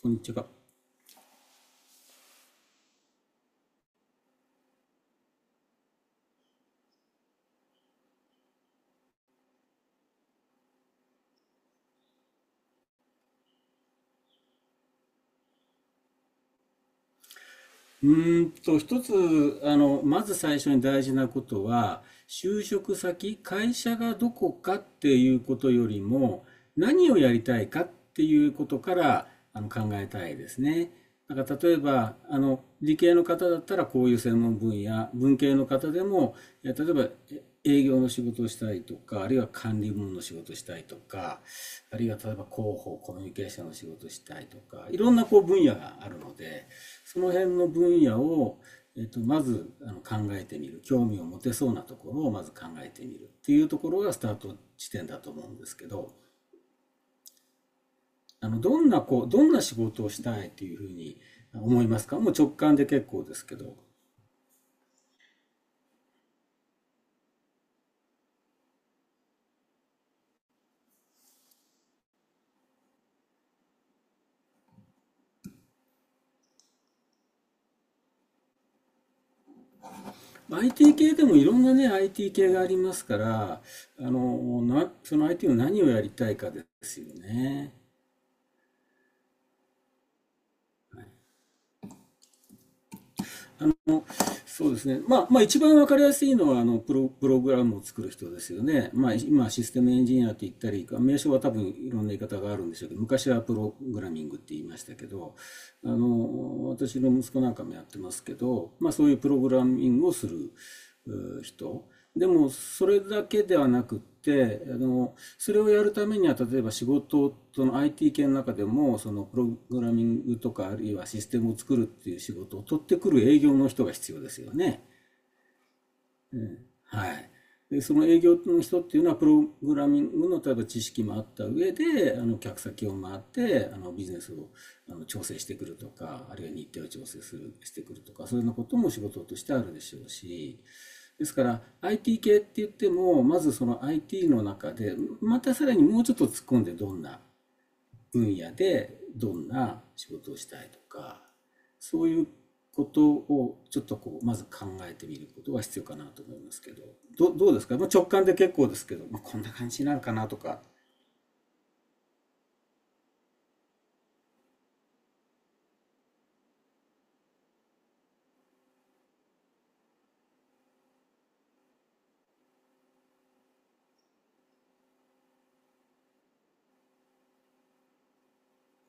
こんにちは。一つ、まず最初に大事なことは、就職先、会社がどこかっていうことよりも、何をやりたいかっていうことから考えたいですね。だから例えば、理系の方だったらこういう専門分野、文系の方でも、例えば、営業の仕事をしたりとか、あるいは管理部門の仕事をしたりとか、あるいは例えば広報、コミュニケーションの仕事をしたりとか、いろんなこう分野があるので、その辺の分野を、まず考えてみる、興味を持てそうなところをまず考えてみるっていうところがスタート地点だと思うんですけど、どんなこうどんな仕事をしたいっていうふうに思いますか？もう直感で結構ですけど。IT 系でもいろんなね、IT 系がありますから、その IT の何をやりたいかですよね。もそうですね。まあ一番わかりやすいのは、プログラムを作る人ですよね。まあ、今、システムエンジニアって言ったり、名称は多分いろんな言い方があるんでしょうけど、昔はプログラミングって言いましたけど、私の息子なんかもやってますけど、まあそういうプログラミングをする人。でもそれだけではなくってそれをやるためには例えば仕事その IT 系の中でもそのプログラミングとかあるいはシステムを作るっていう仕事を取ってくる営業の人が必要ですよね。はい。で、その営業の人っていうのは、プログラミングの例えば知識もあった上で、客先を回って、ビジネスを調整してくるとか、あるいは日程を調整する、してくるとか、そういうようなことも仕事としてあるでしょうし、ですから IT 系って言っても、まずその IT の中で、またさらにもうちょっと突っ込んでどんな分野でどんな仕事をしたいとかそういうことをちょっとこうまず考えてみることが必要かなと思いますけどどうですか？まあ、直感で結構ですけど、まあ、こんな感じになるかなとか。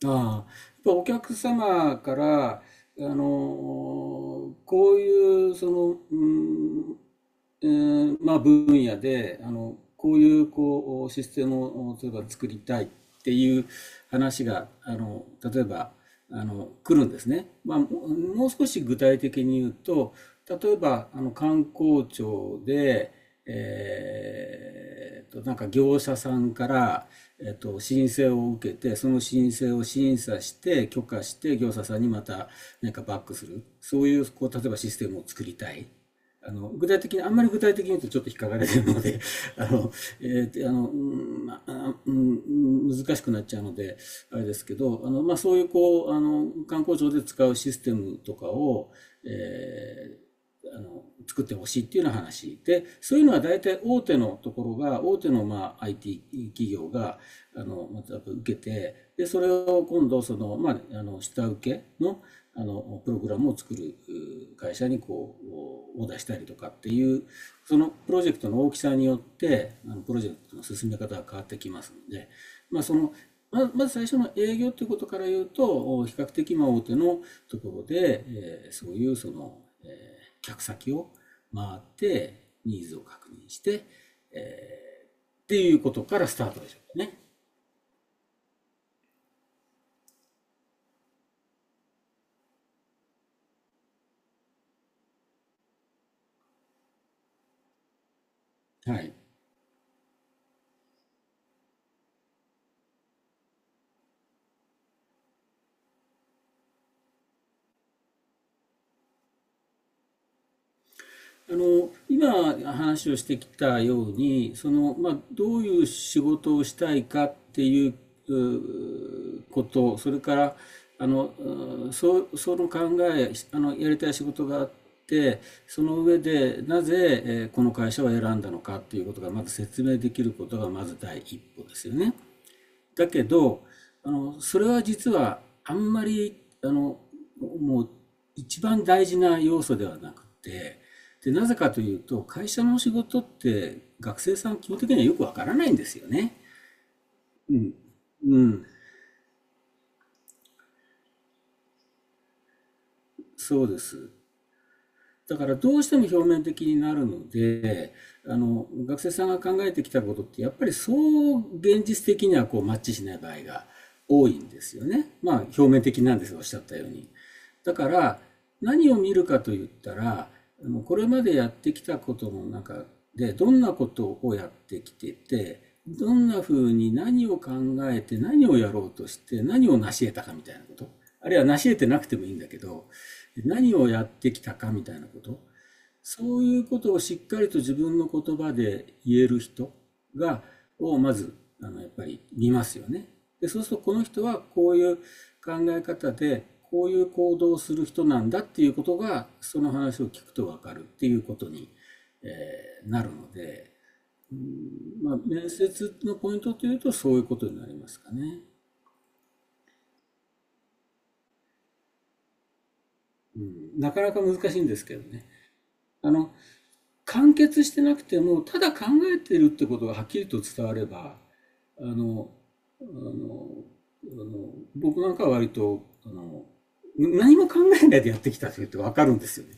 ああ、やっぱお客様から、あの、こういう、その、うん、えーまあ、分野で、あの、こういう、こう、システムを、例えば作りたいっていう話が、例えば、来るんですね。まあ、もう少し具体的に言うと、例えば、観光庁で、なんか業者さんから、申請を受けて、その申請を審査して、許可して、業者さんにまたなんかバックする。そういう、こう、例えばシステムを作りたい。具体的に、あんまり具体的に言うとちょっと引っかかれてるので あの、えーあの、うんまあうん難しくなっちゃうので、あれですけど、まあ、そういうこう、観光庁で使うシステムとかを、え作ってほしいっていうような話。で、そういうのは大体大手のまあ IT 企業が、また受けて、で、それを今度、その、まあ、下請けの、あのプログラムを作る会社にこうを出したりとかっていうそのプロジェクトの大きさによってプロジェクトの進め方が変わってきますので、まあ、まず最初の営業ということから言うと比較的まあ大手のところで、そういうその、客先を回ってニーズを確認して、っていうことからスタートでしょうね。はい。今話をしてきたようにその、まあ、どういう仕事をしたいかっていうことそれからあのうそその考えあのやりたい仕事があってその上でなぜ、この会社を選んだのかっていうことがまず説明できることがまず第一歩ですよね。だけど、それは実はあんまり、もう一番大事な要素ではなくて、で、なぜかというと、会社の仕事って学生さん基本的にはよくわからないんですよね。うん、うん、そうです。だからどうしても表面的になるので、学生さんが考えてきたことって、やっぱりそう現実的にはこうマッチしない場合が多いんですよね。まあ、表面的なんです、おっしゃったように。だから、何を見るかと言ったら、これまでやってきたことの中で、どんなことをやってきてて、どんな風に何を考えて何をやろうとして何を成し得たかみたいなこと。あるいは成し得てなくてもいいんだけど、何をやってきたかみたいなこと。そういうことをしっかりと自分の言葉で言える人がをまずやっぱり見ますよね。でそうするとこの人はこういう考え方でこういう行動をする人なんだっていうことがその話を聞くと分かるっていうことに、えなるので、面接のポイントというとそういうことになりますかね。うん、なかなか難しいんですけどね。あの完結してなくても、ただ考えてるってことがはっきりと伝われば、あの、あの、あの僕なんかは割と、何も考えないでやってきたって分かるんですよね。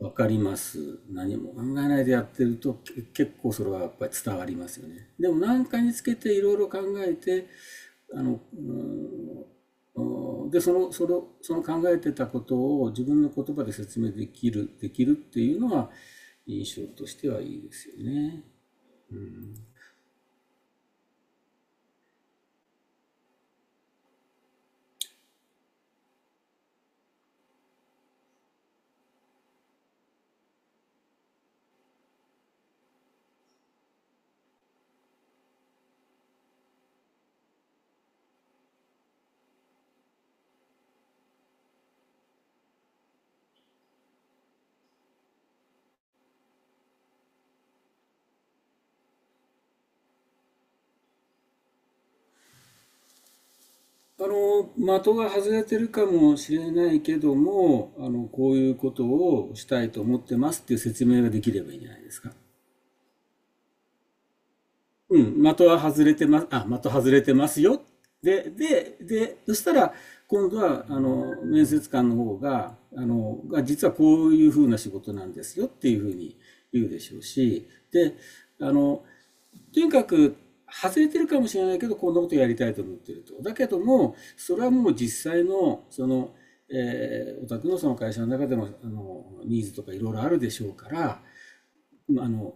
わかります。何も考えないでやってると結構それはやっぱり伝わりますよね。でも何かにつけていろいろ考えて、あの、うんで、その、それを、その考えてたことを自分の言葉で説明できるっていうのは印象としてはいいですよね。的が外れてるかもしれないけども、こういうことをしたいと思ってますっていう説明ができればいいんじゃないですか。うん、的は外れてます、あ、的外れてますよ。で、そしたら、今度は、面接官の方が、あの、が実はこういうふうな仕事なんですよっていうふうに言うでしょうし、で、あの、とにかく、外れてるかもしれないけど、こんなことやりたいと思ってると。だけども、それはもう実際の、その、お宅のその会社の中でも、ニーズとかいろいろあるでしょうから、あの、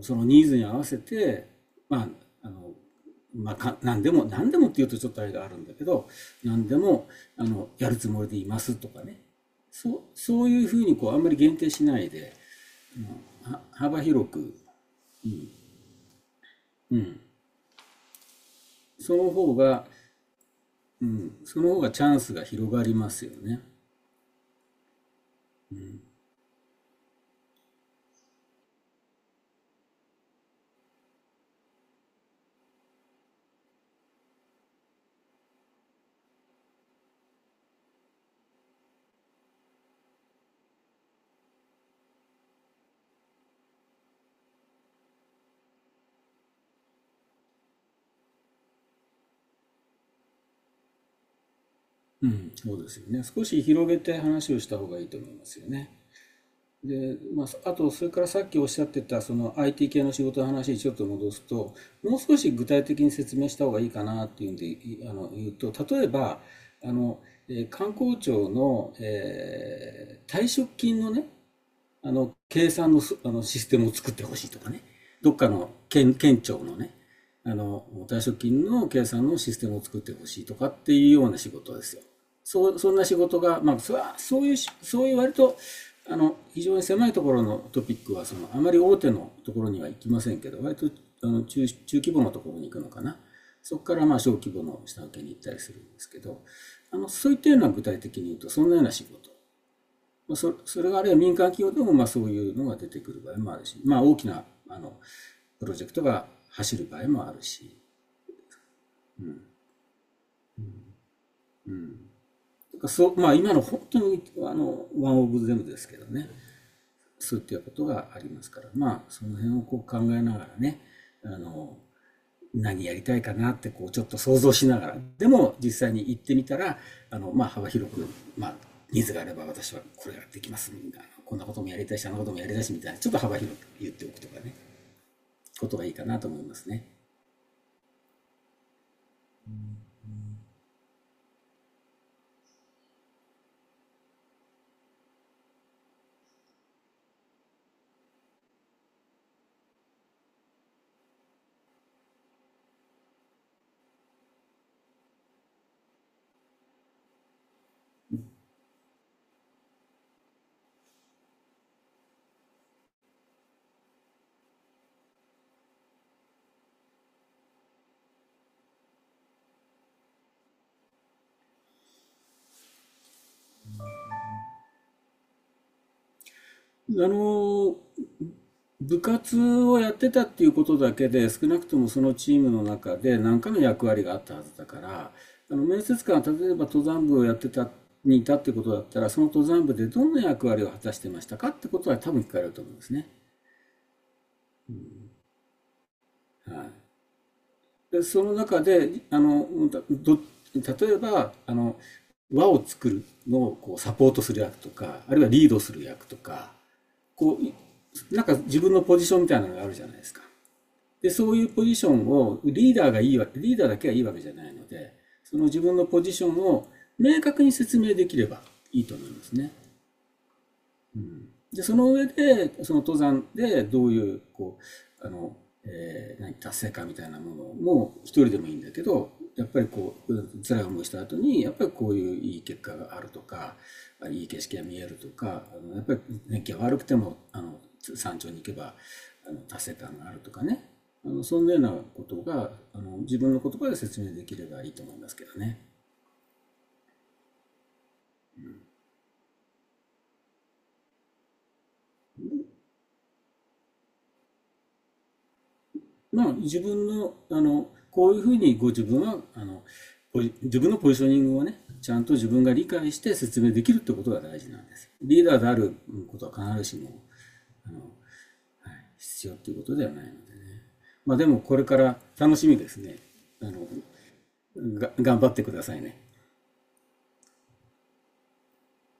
そのニーズに合わせて、まあ、あの、何でも、何でもっていうとちょっとあれがあるんだけど、何でも、やるつもりでいますとかね。そういうふうにこう、あんまり限定しないで、幅広く、うん、その方が、うん、その方がチャンスが広がりますよね。うん、そうですよね。少し広げて話をした方がいいと思いますよね。で、まあ、あと、それからさっきおっしゃってた、その IT 系の仕事の話にちょっと戻すと、もう少し具体的に説明した方がいいかなっていうんで、いあの、言うと、例えば、あの、観光庁の、退職金のね、計算のす、あの、システムを作ってほしいとかね。どっかの県、県庁のね、退職金の計算のシステムを作ってほしいとかっていうような仕事ですよ。そう、そんな仕事が、まあ、それは、そういう割と、非常に狭いところのトピックは、その、あまり大手のところには行きませんけど、割と、中規模のところに行くのかな。そこから、まあ、小規模の下請けに行ったりするんですけど、そういったような具体的に言うと、そんなような仕事。まあ、それがあるいは民間企業でもまあそういうのが出てくる場合もあるし、まあ、大きなあのプロジェクトが走る場合もあるし、だからそうまあ、今の本当にワンオブゼムですけどね、そういったことがありますから、まあ、その辺をこう考えながらね、あの何やりたいかなってこうちょっと想像しながら、でも実際に行ってみたら、まあ、幅広く、まあ、ニーズがあれば私はこれができますみたいな、こんなこともやりたいし、あんなこともやりたいしみたいな、ちょっと幅広く言っておくとかね。ことがいいかなと思いますね。あの、部活をやってたっていうことだけで、少なくともそのチームの中で何かの役割があったはずだから、面接官は例えば登山部をやってた、にいたってことだったら、その登山部でどんな役割を果たしてましたかってことは多分聞かれると思うんですね。はい。で、その中で、ど、例えば、輪を作るのをこうサポートする役とか、あるいはリードする役とか、こう、なんか自分のポジションみたいなのがあるじゃないですか。で、そういうポジションをリーダーだけがいいわけじゃないので、その自分のポジションを明確に説明できればいいと思いますね。うん、で、その上で、その登山でどういう、う、あの、達成感みたいなものも一人でもいいんだけど、やっぱりこう、うん辛い思いした後に、やっぱりこういういい結果があるとか、あいい景色が見えるとか、あのやっぱり天気が悪くても、山頂に行けば、達成感があるとかね。そんなようなことが、自分の言葉で説明できればいいと思いますけどね。まあ、自分の、こういうふうにご自分は、自分のポジショニングをね、ちゃんと自分が理解して説明できるってことが大事なんです。リーダーであることは必ずしも、はい、必要っていうことではないのでね。まあでもこれから楽しみですね。あの、頑張ってくださいね。